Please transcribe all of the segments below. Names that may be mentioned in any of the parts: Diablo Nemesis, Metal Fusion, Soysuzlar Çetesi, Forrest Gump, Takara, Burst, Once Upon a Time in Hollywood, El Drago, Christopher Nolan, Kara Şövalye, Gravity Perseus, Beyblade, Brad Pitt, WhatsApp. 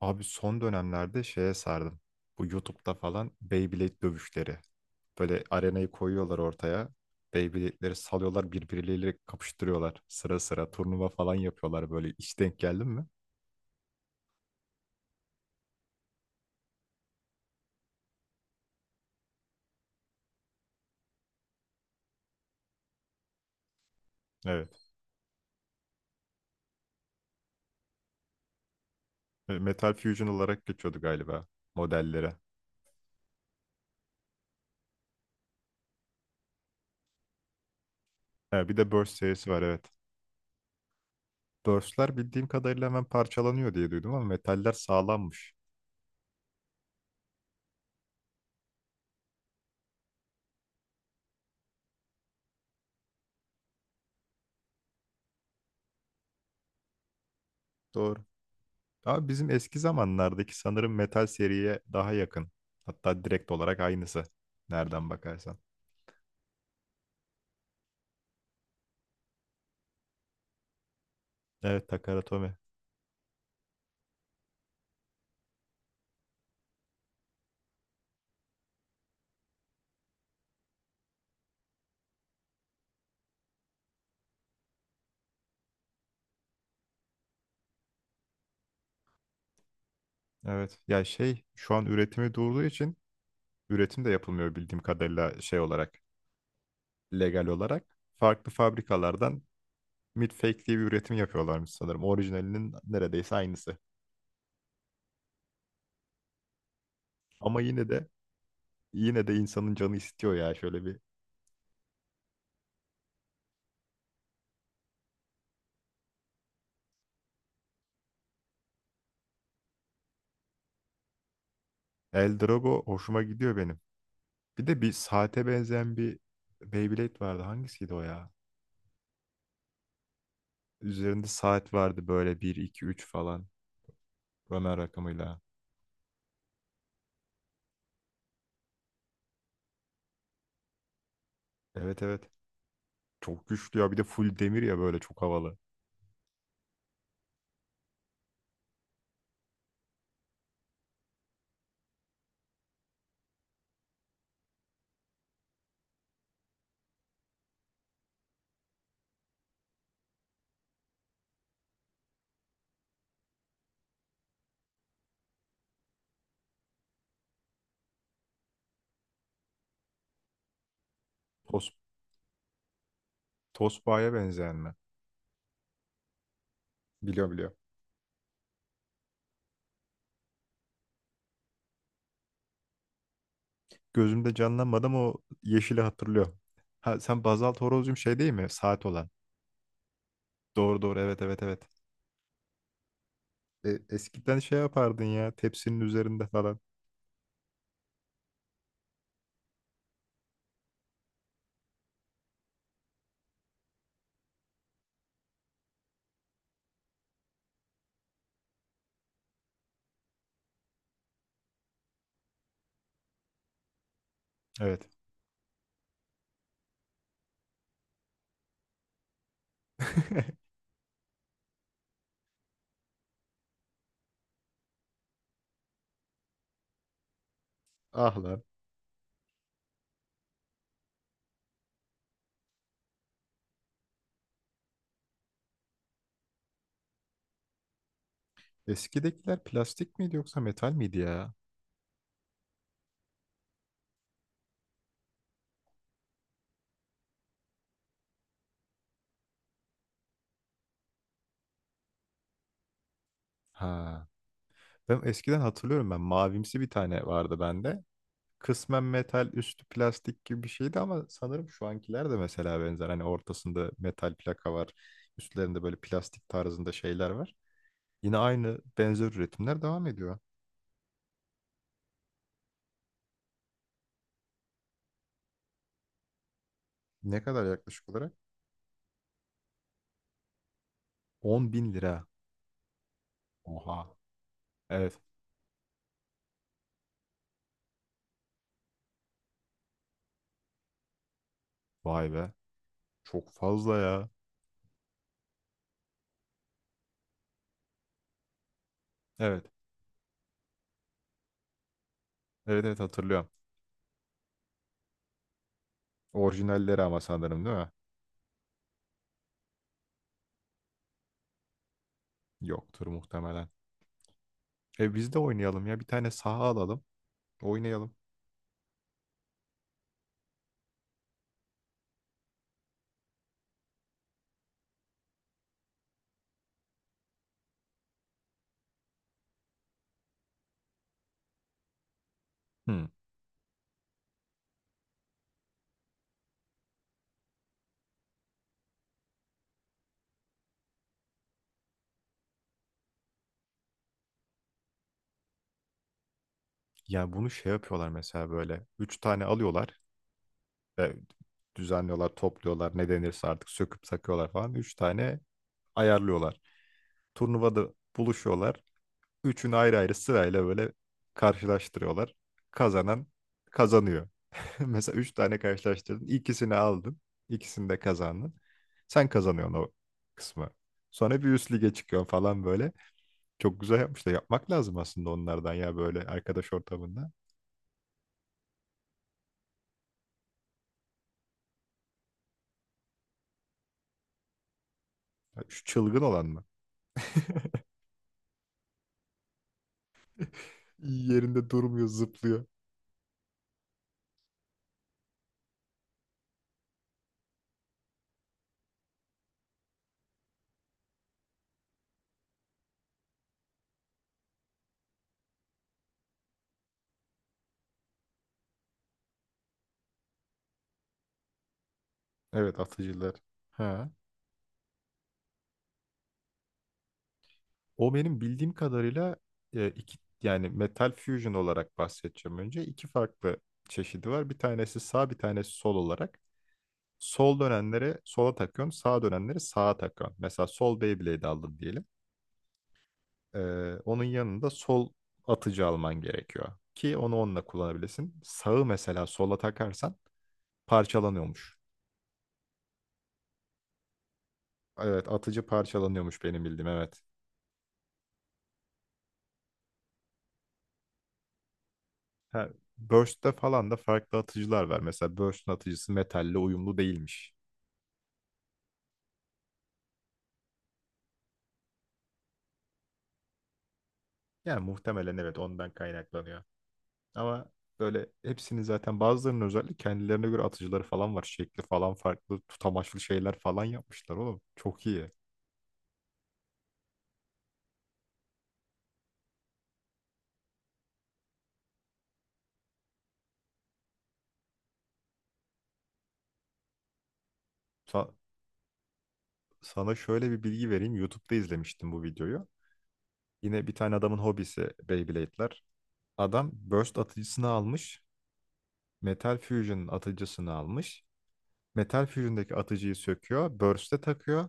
Abi son dönemlerde şeye sardım. Bu YouTube'da falan Beyblade dövüşleri. Böyle arenayı koyuyorlar ortaya. Beyblade'leri salıyorlar birbirleriyle kapıştırıyorlar. Sıra sıra turnuva falan yapıyorlar böyle. Hiç denk geldin mi? Evet. Metal Fusion olarak geçiyordu galiba modellere. Ha, bir de Burst serisi var, evet. Burst'ler bildiğim kadarıyla hemen parçalanıyor diye duydum ama metaller sağlammış. Doğru. Abi bizim eski zamanlardaki sanırım metal seriye daha yakın. Hatta direkt olarak aynısı. Nereden bakarsan. Evet, Takara. Evet. Ya şey, şu an üretimi durduğu için üretim de yapılmıyor bildiğim kadarıyla şey olarak. Legal olarak. Farklı fabrikalardan mid-fake diye bir üretim yapıyorlarmış sanırım. Orijinalinin neredeyse aynısı. Ama yine de insanın canı istiyor ya şöyle bir. El Drago hoşuma gidiyor benim. Bir de bir saate benzeyen bir Beyblade vardı. Hangisiydi o ya? Üzerinde saat vardı böyle, bir 2 3 falan. Ömer rakamıyla. Evet, evet. Çok güçlü ya. Bir de full demir ya, böyle çok havalı. Tos, Tosbağa'ya benzeyen mi? Biliyor, biliyor. Gözümde canlanmadı ama o yeşili hatırlıyor. Ha, sen Bazalt Horoz'cum şey değil mi? Saat olan. Doğru doğru, evet evet evet. E, eskiden şey yapardın ya tepsinin üzerinde falan. Evet. Ah lan. Eskidekiler plastik miydi yoksa metal miydi ya? Ha. Ben eskiden hatırlıyorum, ben mavimsi bir tane vardı bende. Kısmen metal üstü plastik gibi bir şeydi ama sanırım şu ankiler de mesela benzer. Hani ortasında metal plaka var. Üstlerinde böyle plastik tarzında şeyler var. Yine aynı benzer üretimler devam ediyor. Ne kadar yaklaşık olarak? 10.000 lira. Oha. Evet. Vay be. Çok fazla ya. Evet. Evet evet, hatırlıyorum. Orijinalleri ama sanırım, değil mi? Yoktur muhtemelen. E biz de oynayalım ya. Bir tane saha alalım. Oynayalım. Hmm. Ya bunu şey yapıyorlar mesela böyle. Üç tane alıyorlar. E, düzenliyorlar, topluyorlar. Ne denirse artık söküp sakıyorlar falan. Üç tane ayarlıyorlar. Turnuvada buluşuyorlar. Üçünü ayrı ayrı sırayla böyle karşılaştırıyorlar. Kazanan kazanıyor. Mesela üç tane karşılaştırdın, ikisini aldın. İkisini de kazandın. Sen kazanıyorsun o kısmı. Sonra bir üst lige çıkıyorsun falan böyle. Çok güzel yapmışlar. Yapmak lazım aslında onlardan ya, böyle arkadaş ortamında. Ya şu çılgın olan mı? Yerinde durmuyor, zıplıyor. Evet, atıcılar. Ha. O benim bildiğim kadarıyla, iki, yani metal fusion olarak bahsedeceğim önce. İki farklı çeşidi var. Bir tanesi sağ, bir tanesi sol olarak. Sol dönenleri sola takıyorsun, sağ dönenleri sağa takıyorsun. Mesela sol Beyblade aldın diyelim. Ee, onun yanında sol atıcı alman gerekiyor ki onu onunla kullanabilirsin. Sağı mesela sola takarsan parçalanıyormuş. Evet, atıcı parçalanıyormuş benim bildiğim. Evet. Ha, Burst'te falan da farklı atıcılar var. Mesela Burst'un atıcısı metalle uyumlu değilmiş. Yani muhtemelen evet, ondan kaynaklanıyor. Ama böyle hepsinin, zaten bazılarının özellikle, kendilerine göre atıcıları falan var. Şekli falan farklı, tutamaçlı şeyler falan yapmışlar oğlum. Çok iyi. Sa- Sana şöyle bir bilgi vereyim. YouTube'da izlemiştim bu videoyu. Yine bir tane adamın hobisi Beyblade'ler. Adam Burst atıcısını almış. Metal Fusion'ın atıcısını almış. Metal Fusion'daki atıcıyı söküyor. Burst'e takıyor.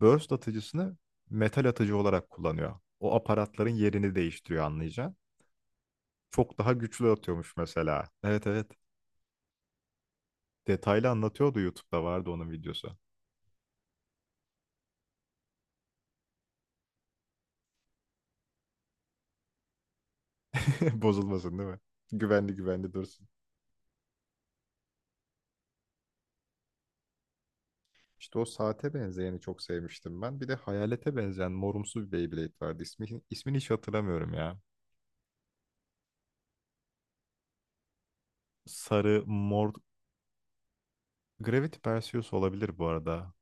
Burst atıcısını metal atıcı olarak kullanıyor. O aparatların yerini değiştiriyor anlayacağın. Çok daha güçlü atıyormuş mesela. Evet, evet. Detaylı anlatıyordu, YouTube'da vardı onun videosu. Bozulmasın değil mi? Güvenli güvenli dursun. İşte o saate benzeyeni çok sevmiştim ben. Bir de hayalete benzeyen morumsu bir Beyblade vardı. İsmi, ismini hiç hatırlamıyorum ya. Sarı, mor... Gravity Perseus olabilir bu arada.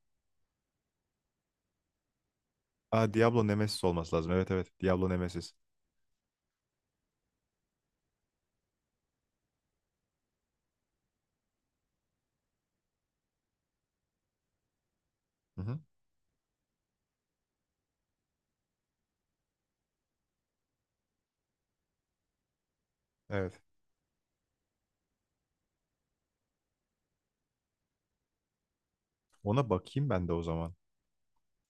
Aa, Diablo Nemesis olması lazım. Evet evet. Diablo Nemesis. Hı hı. Evet. Ona bakayım ben de o zaman.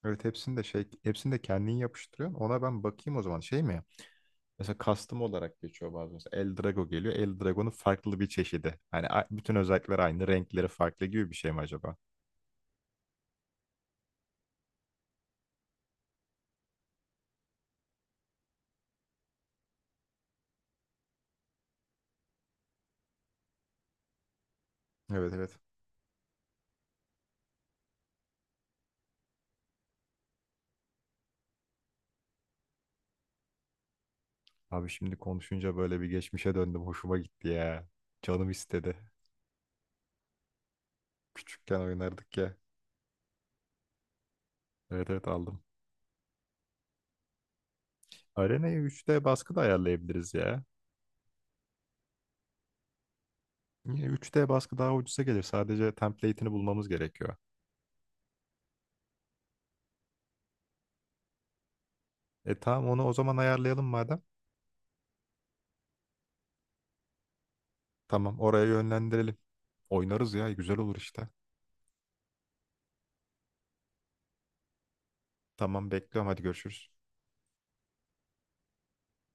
Evet, hepsini de şey, hepsini de kendin yapıştırıyorsun. Ona ben bakayım o zaman. Şey mi? Mesela custom olarak geçiyor bazen. Mesela El Drago geliyor. El Drago'nun farklı bir çeşidi. Hani bütün özellikleri aynı, renkleri farklı gibi bir şey mi acaba? Evet evet. Abi şimdi konuşunca böyle bir geçmişe döndüm. Hoşuma gitti ya. Canım istedi. Küçükken oynardık ya. Evet evet, aldım. Arena'yı 3D baskı da ayarlayabiliriz ya. Yine 3D baskı daha ucuza gelir. Sadece template'ini bulmamız gerekiyor. E tamam, onu o zaman ayarlayalım madem. Tamam, oraya yönlendirelim. Oynarız ya, güzel olur işte. Tamam, bekliyorum. Hadi görüşürüz.